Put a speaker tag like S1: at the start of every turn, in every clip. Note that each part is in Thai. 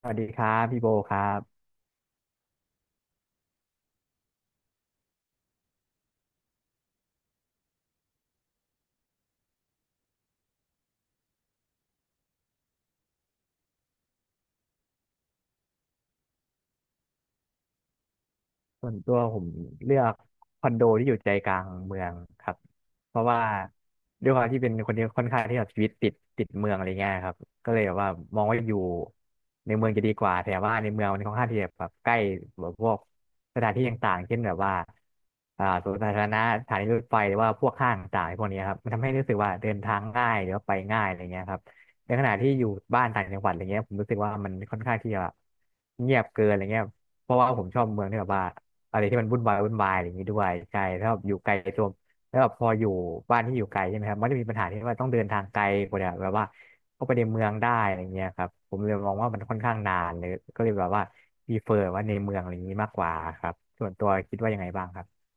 S1: สวัสดีครับพี่โบครับ ส่วนตัวผมเลือกคอนโดที่อยู่ใจกลางเมืองครับเพราะว่าด้วยความที่เป็นคนที่ค่อนข้างที่แบบชีวิตติดเมืองอะไรเงี้ยครับก็เลยแบบว่ามองว่าอยู่ในเมืองจะดีกว่าแต่ว่าในเมืองมันค่อนข้างที่จะแบบใกล้แบบพวกสถานที่ต่างๆเช่นแบบว่าสวนสาธารณะสถานีรถไฟหรือว่าพวกห้างต่างๆพวกนี้ครับมันทำให้รู้สึกว่าเดินทางง่ายหรือว่าไปง่ายอะไรเงี้ยครับในขณะที่อยู่บ้านต่างจังหวัดอะไรเงี้ยผมรู้สึกว่ามันค่อนข้างที่จะแบบเงียบเกินอะไรเงี้ยเพราะว่าผมชอบเมืองที่แบบว่า อะไรที่มันวุ่นวายวุ่นวายอะไรอย่างนี้ด้วยใช่ถ้าแบบอยู่ไกลตัวแล้วแบบพออยู่บ้านที่อยู่ไกลใช่ไหมครับมันจะมีปัญหาที่ว่าต้องเดินทางไกลกว่าเนี่ยแบบว่าเข้าไปในเมืองได้อะไรเงี้ยครับผมเลยมองว่ามันค่อนข้างนานเลยก็เลยแบบว่าพรีเฟอร์ว่าในเมืองอะไรอย่างนี้มากกว่าครับส่วนตัวคิดว่ายังไงบ้างครับ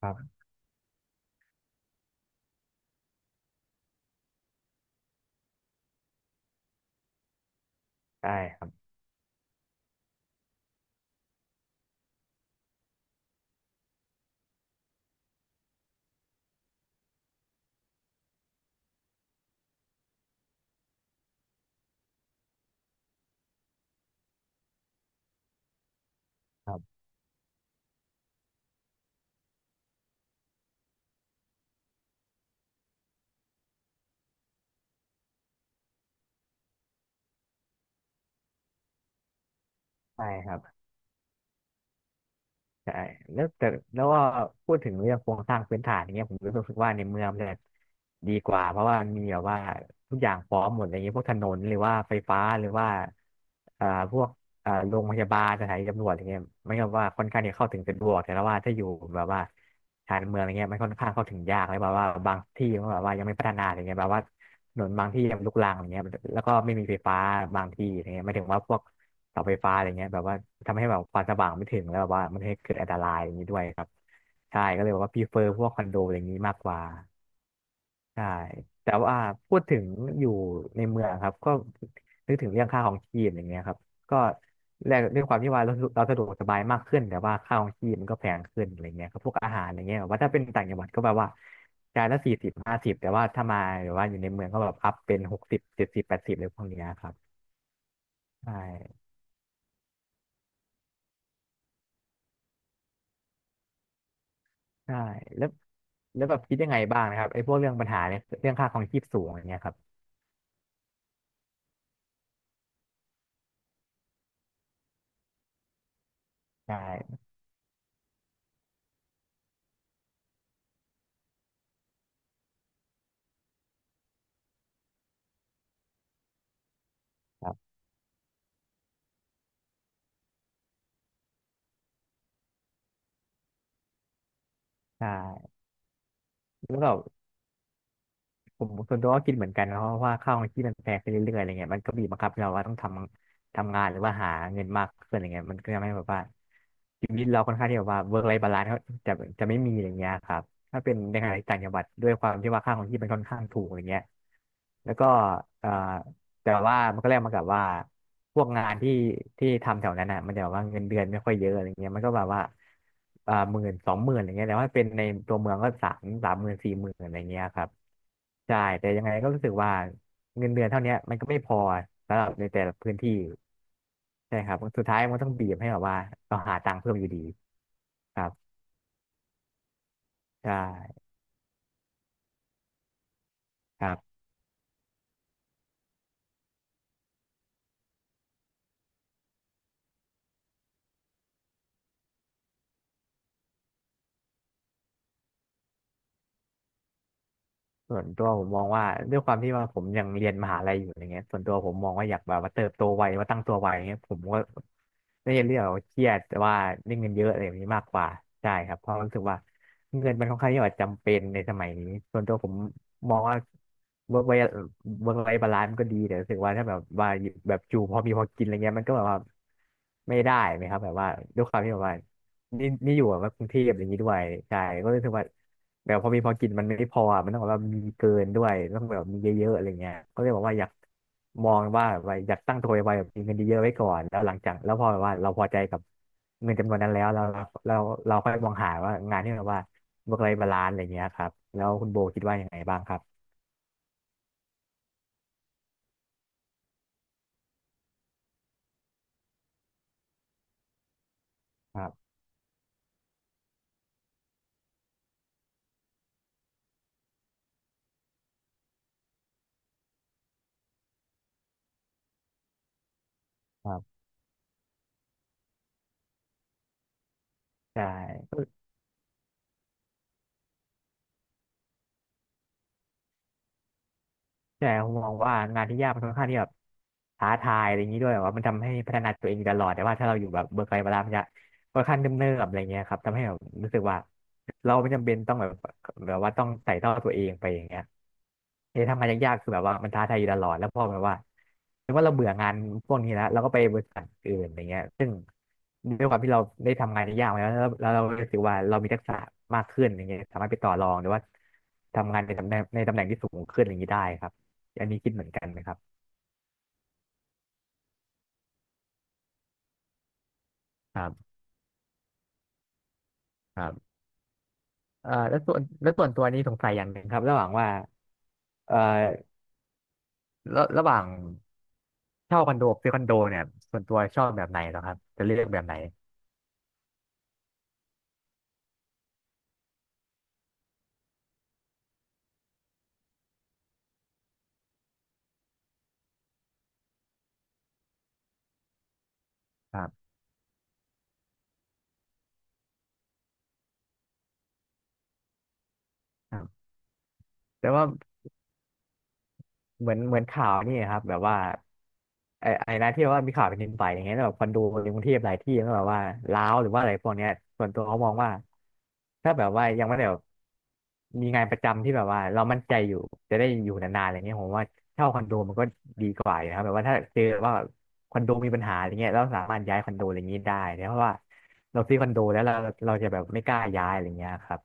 S1: ครับใช่ครับครับใช่ครับ ใช่แล้วแต่แล้วก็พูดถึงเรื่องโครงสร้างพื้นฐานอย่างเงี้ยผมรู้สึกว่าในเมืองมันจะดีกว่าเพราะว่ามันมีแบบว่าทุกอย่างพร้อมหมดอะไรเงี้ยพวกถนนหรือว่าไฟฟ้าหรือว่าอ่าพวกโรงพยาบาลสถานีตำรวจอะไรเงี้ยไมัก็ว่าค่อนข้างที่จะเข้าถึงสะดวกแต่ว่าถ้าอยู่แบบว่าชานเมืองอะไรเงี้ยมันค่อนข้างเข้าถึงยากเลยแบบว่าบางที่มันแบบว่ายังไม่พัฒนาอะไรเงี้ยแบบว่าถนนบางที่ยังลุกรังอะไรเงี้ยแล้วก็ไม่มีไฟฟ้าบางที่อะไรเงี้ยหมายถึงว่าพวก เสาไฟฟ้าอะไรเงี้ยแบบว่าทำให้แบบความสว่างไม่ถึงแล้วแบบว่ามันให้เกิดอันตรายอย่างนี้ด้วยครับใช่ก็เลยบอกว่าพรีเฟอร์พวกคอนโดอะไรอย่างนี้มากกว่าใช่แต่ว่าพูดถึงอยู่ในเมืองครับก็นึกถึงเรื่องค่าของชีพอย่างเงี้ยครับก็แลกด้วยความที่ว่าเราสะดวกสบายมากขึ้นแต่ว่าค่าของชีพมันก็แพงขึ้นอะไรเงี้ยครับพวกอาหารอะไรเงี้ยแบบว่าถ้าเป็นต่างจังหวัดก็แบบว่าจานละ4050แต่ว่าถ้ามาหรือว่าอยู่ในเมืองก็แบบอัพเป็น607080เลยพวกเนี้ยครับใช่ ใช่แล้วแล้วแบบคิดยังไงบ้างนะครับไอ้พวกเรื่องปัญหาเนี่ยเรื่องค่าครองชีพสูงอย่างเงี้ยครับใช่ครับใช่แล้วแบบผมส่วนตัวก็คิดเหมือนกันนะเพราะว่าค่าครองชีพมันแพงขึ้นเรื่อยๆอะไรเงี้ยมันก็บีบบังคับให้เราว่าต้องทำงานหรือว่าหาเงินมากขึ้นอะไรเงี้ยมันก็ทำให้แบบว่าชีวิตเราค่อนข้างที่แบบว่าเวิร์กไลฟ์บาลานซ์จะจะไม่มีอย่างเงี้ยครับถ้าเป็นในขณะที่ต่างจังหวัดด้วยความที่ว่าค่าครองชีพมันค่อนข้างถูกอย่างเงี้ยแล้วก็เอ่อ แต่ว่ามันก็แลกมากับว่าพวกงานที่ทำแถวนั้นอ่ะมันจะแบบว่าเงินเดือนไม่ค่อยเยอะอะไรเงี้ยมันก็แบบว่าหมื่น20,000อะไรเงี้ยแต่ว่าเป็นในตัวเมืองก็สามหมื่น40,000อะไรเงี้ยครับใช่แต่ยังไงก็รู้สึกว่าเงินเดือนเท่าเนี้ยมันก็ไม่พอสำหรับในแต่ละพื้นที่ใช่ครับสุดท้ายมันก็ต้องบีบให้แบบว่าเราหาตังค์เพิ่มอยู่ดีครับใช่ครับ ส่วนตัวผมมองว่าด้วยความที่ว่าผมยังเรียนมหาลัยอยู่อย่างเงี้ยส่วนตัวผมมองว่าอยากแบบว่าเติบโตไวว่าตั้งตัวไวอย่างเงี้ยผมก็ไม่ได้เรียกว่าเครียดแต่ว่าได้เงินเยอะอะไรแบบนี้มากกว่าใช่ครับเพราะรู้สึกว่าเงินมันค่อนข้างที่จะจำเป็นในสมัยนี้ส่วนตัวผมมองว่าวิรว้เว้บาลานซ์มันก็ดีแต่รู้สึกว่าถ้าแบบว่าแบบอยู่พอมีพอกินอะไรเงี้ยมันก็แบบว่าไม่ได้ไหมครับแบบว่าด้วยความที่แบบว่า นี่อยู่แบบว่ากรุงเทพอย่างนี้ด้วยใช่ก็รู้สึกว่าแบบพอมีพอกินมันไม่พออะมันต้องแบบว่ามีเกินด้วยต้องแบบมีเยอะๆอะไรเงี้ยก็เลยบอกว่าอยากมองว่าแบบว่าอยากตั้งตัวไว้แบบมีเงินเยอะๆไว้ก่อนแล้วหลังจากแล้วพอแบบว่าเราพอใจกับเงินจำนวนนั้นแล้วเราเราค่อยมองหาว่างานที่แบบว่าเมื่อไรบาลานซ์อะไรเงี้ยครับแล้วคุณโบคิดว่ายังไงบ้างครับครับครับใช่ ใช่ผมมองว่างานที่ยากมันค่อนข้างที่แบบท้าทายอะไรอย่างนี้ด้วยแบบว่ามันทำให้พัฒนาตัวเองอยู่ตลอดแต่ว่าถ้าเราอยู่แบบเบิร์กไกลเวลามันจะค่อนข้างเนิ่มๆอะไรเงี้ยครับทำให้แบบรู้สึกว่าเราไม่จำเป็นต้องแบบว่าต้องไต่เต้าตัวเองไปอย่างเงี้ยเออทำงานยากๆคือแบบว่ามันท้าทายอยู่ตลอดแล้วพอแบบว่าถึงว่าเราเบื่องานพวกนี้แล้วเราก็ไปบริษัทอื่นอะไรเงี้ย ด้วยความที่เราได้ทำงานในยากมาแล้วแล้วเรารู้สึกว่าเรามีทักษะมากขึ้นอย่างเงี้ยสามารถไปต่อรองหรือว่าทำงานในตำแหน่งในตำแหน่งที่สูงขึ้นอย่างนี้ได้ครับอันนี้คิดเหมือนกันไหมครับครับครับแล้วส่วนตัวนี้สงสัยอย่างหนึ่งครับระหว่างว่าเอ่อระหว่างเช่าคอนโดกับซื้อคอนโดเนี่ยส่วนตัวชอบแบบไหนเหรอครับจะเลือกแบบไหนครับครับแต่ว่า เหมือนเหมือนข่าวนี่ครับแบบว่าไอ้นะที่ว่ามีข่าวแผ่นดินไหวอย่างเงี้ยแล้วแบบคอนโดในกรุงเทพหลายที่ก็แบบว่าร้าวหรือว่าอะไรพวกเนี้ยส่วนตัวเขามองว่าถ้าแบบว่ายังไม่ได้แบบมีงานประจำที่แบบว่าเรามั่นใจอยู่จะได้อยู่นานๆอะไรเงี้ยผมว่าเช่าคอนโดมันก็ดีกว่าอยู่นะครับแบบว่าถ้าเจอว่าคอนโดมีปัญหาอะไรเงี้ยเราสามารถย้ายคอนโดอะไรเางนี้ได้เนีเพราะว่าเราซื้อคอนโดแล้วเราจะแบบไม่กล้าย้ายอะไรเงี้ยครับ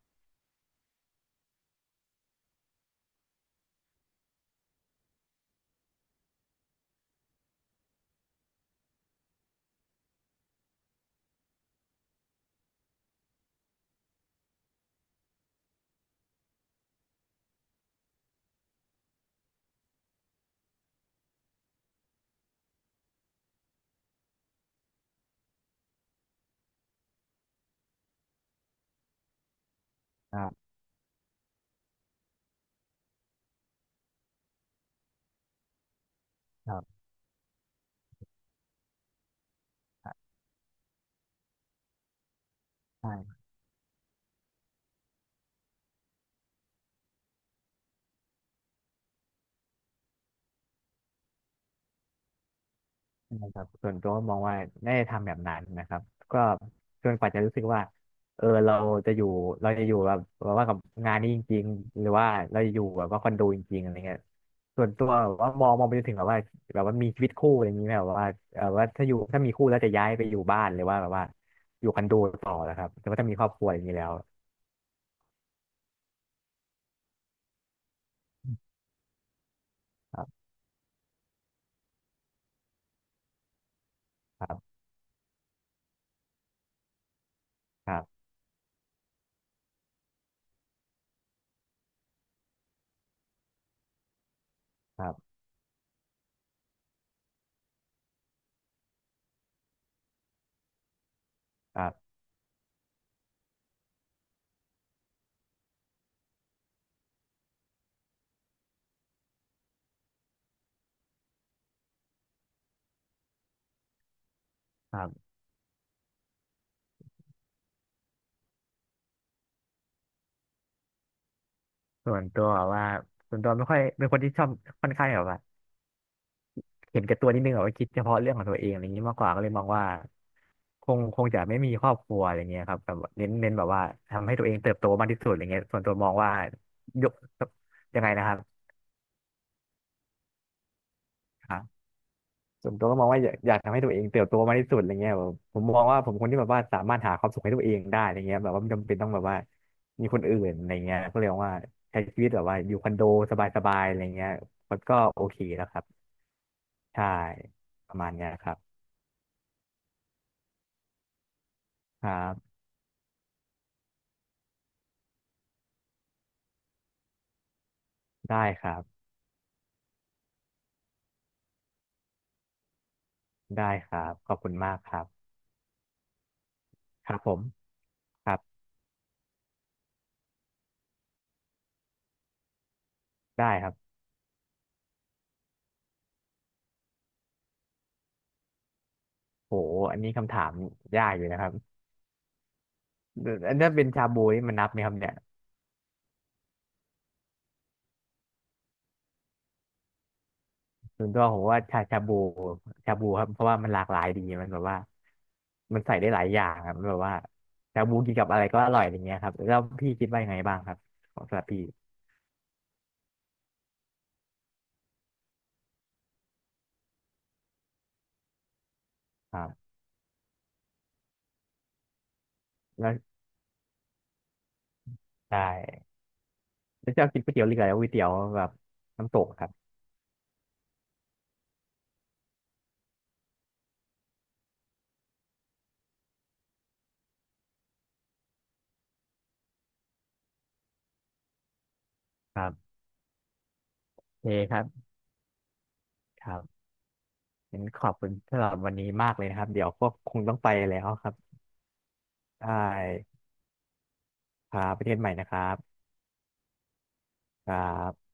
S1: ครับครับใช่ นะครับส่วนตัวก็มองว่าไม่ได้ทำแบบนั้นนะครับก็จนกว่าจะรู้สึกว่าเออจะอยู่เราจะอยู่แบบว่ากับงานนี้จริงๆหรือว่าเราจะอยู่แบบว่าคอนโดจริงๆอะไรเงี้ยส่วนตัวแบบว่ามองไปจนถึงแบบว่าแบบว่ามีชีวิตคู่อะไรอย่างนี้ไหมแบบว่าเออว่าถ้ามีคู่แล้วจะย้ายไปอยู่บ้านหรือว่าแบบว่าอยู่คอนโดต่อนะครับแต่ว่าถ้ามีครอบครัวอย่างนี้แล้วครับครับครับครับครับครับส่วนตัวแบบว่าส่วนตัวไม่ค่อยเป็นคนที่ชอบค่อนข้างแบบว่า เห็นแก่ตัวนิดนึงแบบว่าคิดเฉพาะเรื่องของตัวเองอะไรอย่างนี้มากกว่าก็เลยมองว่าคงจะไม่มีครอบครัวอะไรเงี้ยครับแบบเน้นแบบว่าทำให้ตัวเองเติบโตมากที่สุดอะไรเงี้ยส่วนตัวมองว่ายกยังไงนะครับครับส่วนตัวก็มองว่าอยากทำให้ตัวเองเติบโตมากที่สุดอะไรเงี้ยแบบผมมองว่าผมคนที่แบบว่าสามารถหาความสุขให้ตัวเองได้อะไรเงี้ยแบบว่าไม่จำเป็นต้องแบบว่ามีคนอื่นอะไรเงี้ยก็เลยมองว่าใช้ชีวิตแบบว่าอยู่คอนโดสบายๆอะไรเงี้ยมันก็โอเคแล้วครับใช่ประมาณเนี้ยครับครับได้ครับ ได้ครับขอบคุณมากครับครับผมครับได้ครับโหอันนี้คำถามยากอยู่นะครับอันนี้เป็นชาบูนี่มันนับไหมครับเนี่ยส่วนตัวผมว่าชาบูครับเพราะว่ามันหลากหลายดีมันแบบว่ามันใส่ได้หลายอย่างครับมันแบบว่าชาบูกินกับอะไรก็อร่อยอย่างเงี้ยครับแล้วพี่คิดว่ายังไงบ้างครับของสำหรับพี่ครับแล้วได้แล้วชอบกินก๋วยเตี๋ยวเรือแล้วก๋วยเตี๋ยวแบบน้ำตกครับครับโอเคครับครับงั้นขอบคุณสำหรับวันนี้มากเลยนะครับเดี๋ยวก็คงต้องไปแล้วครับ ได้ครับไประเทศใหม่นะครับครับ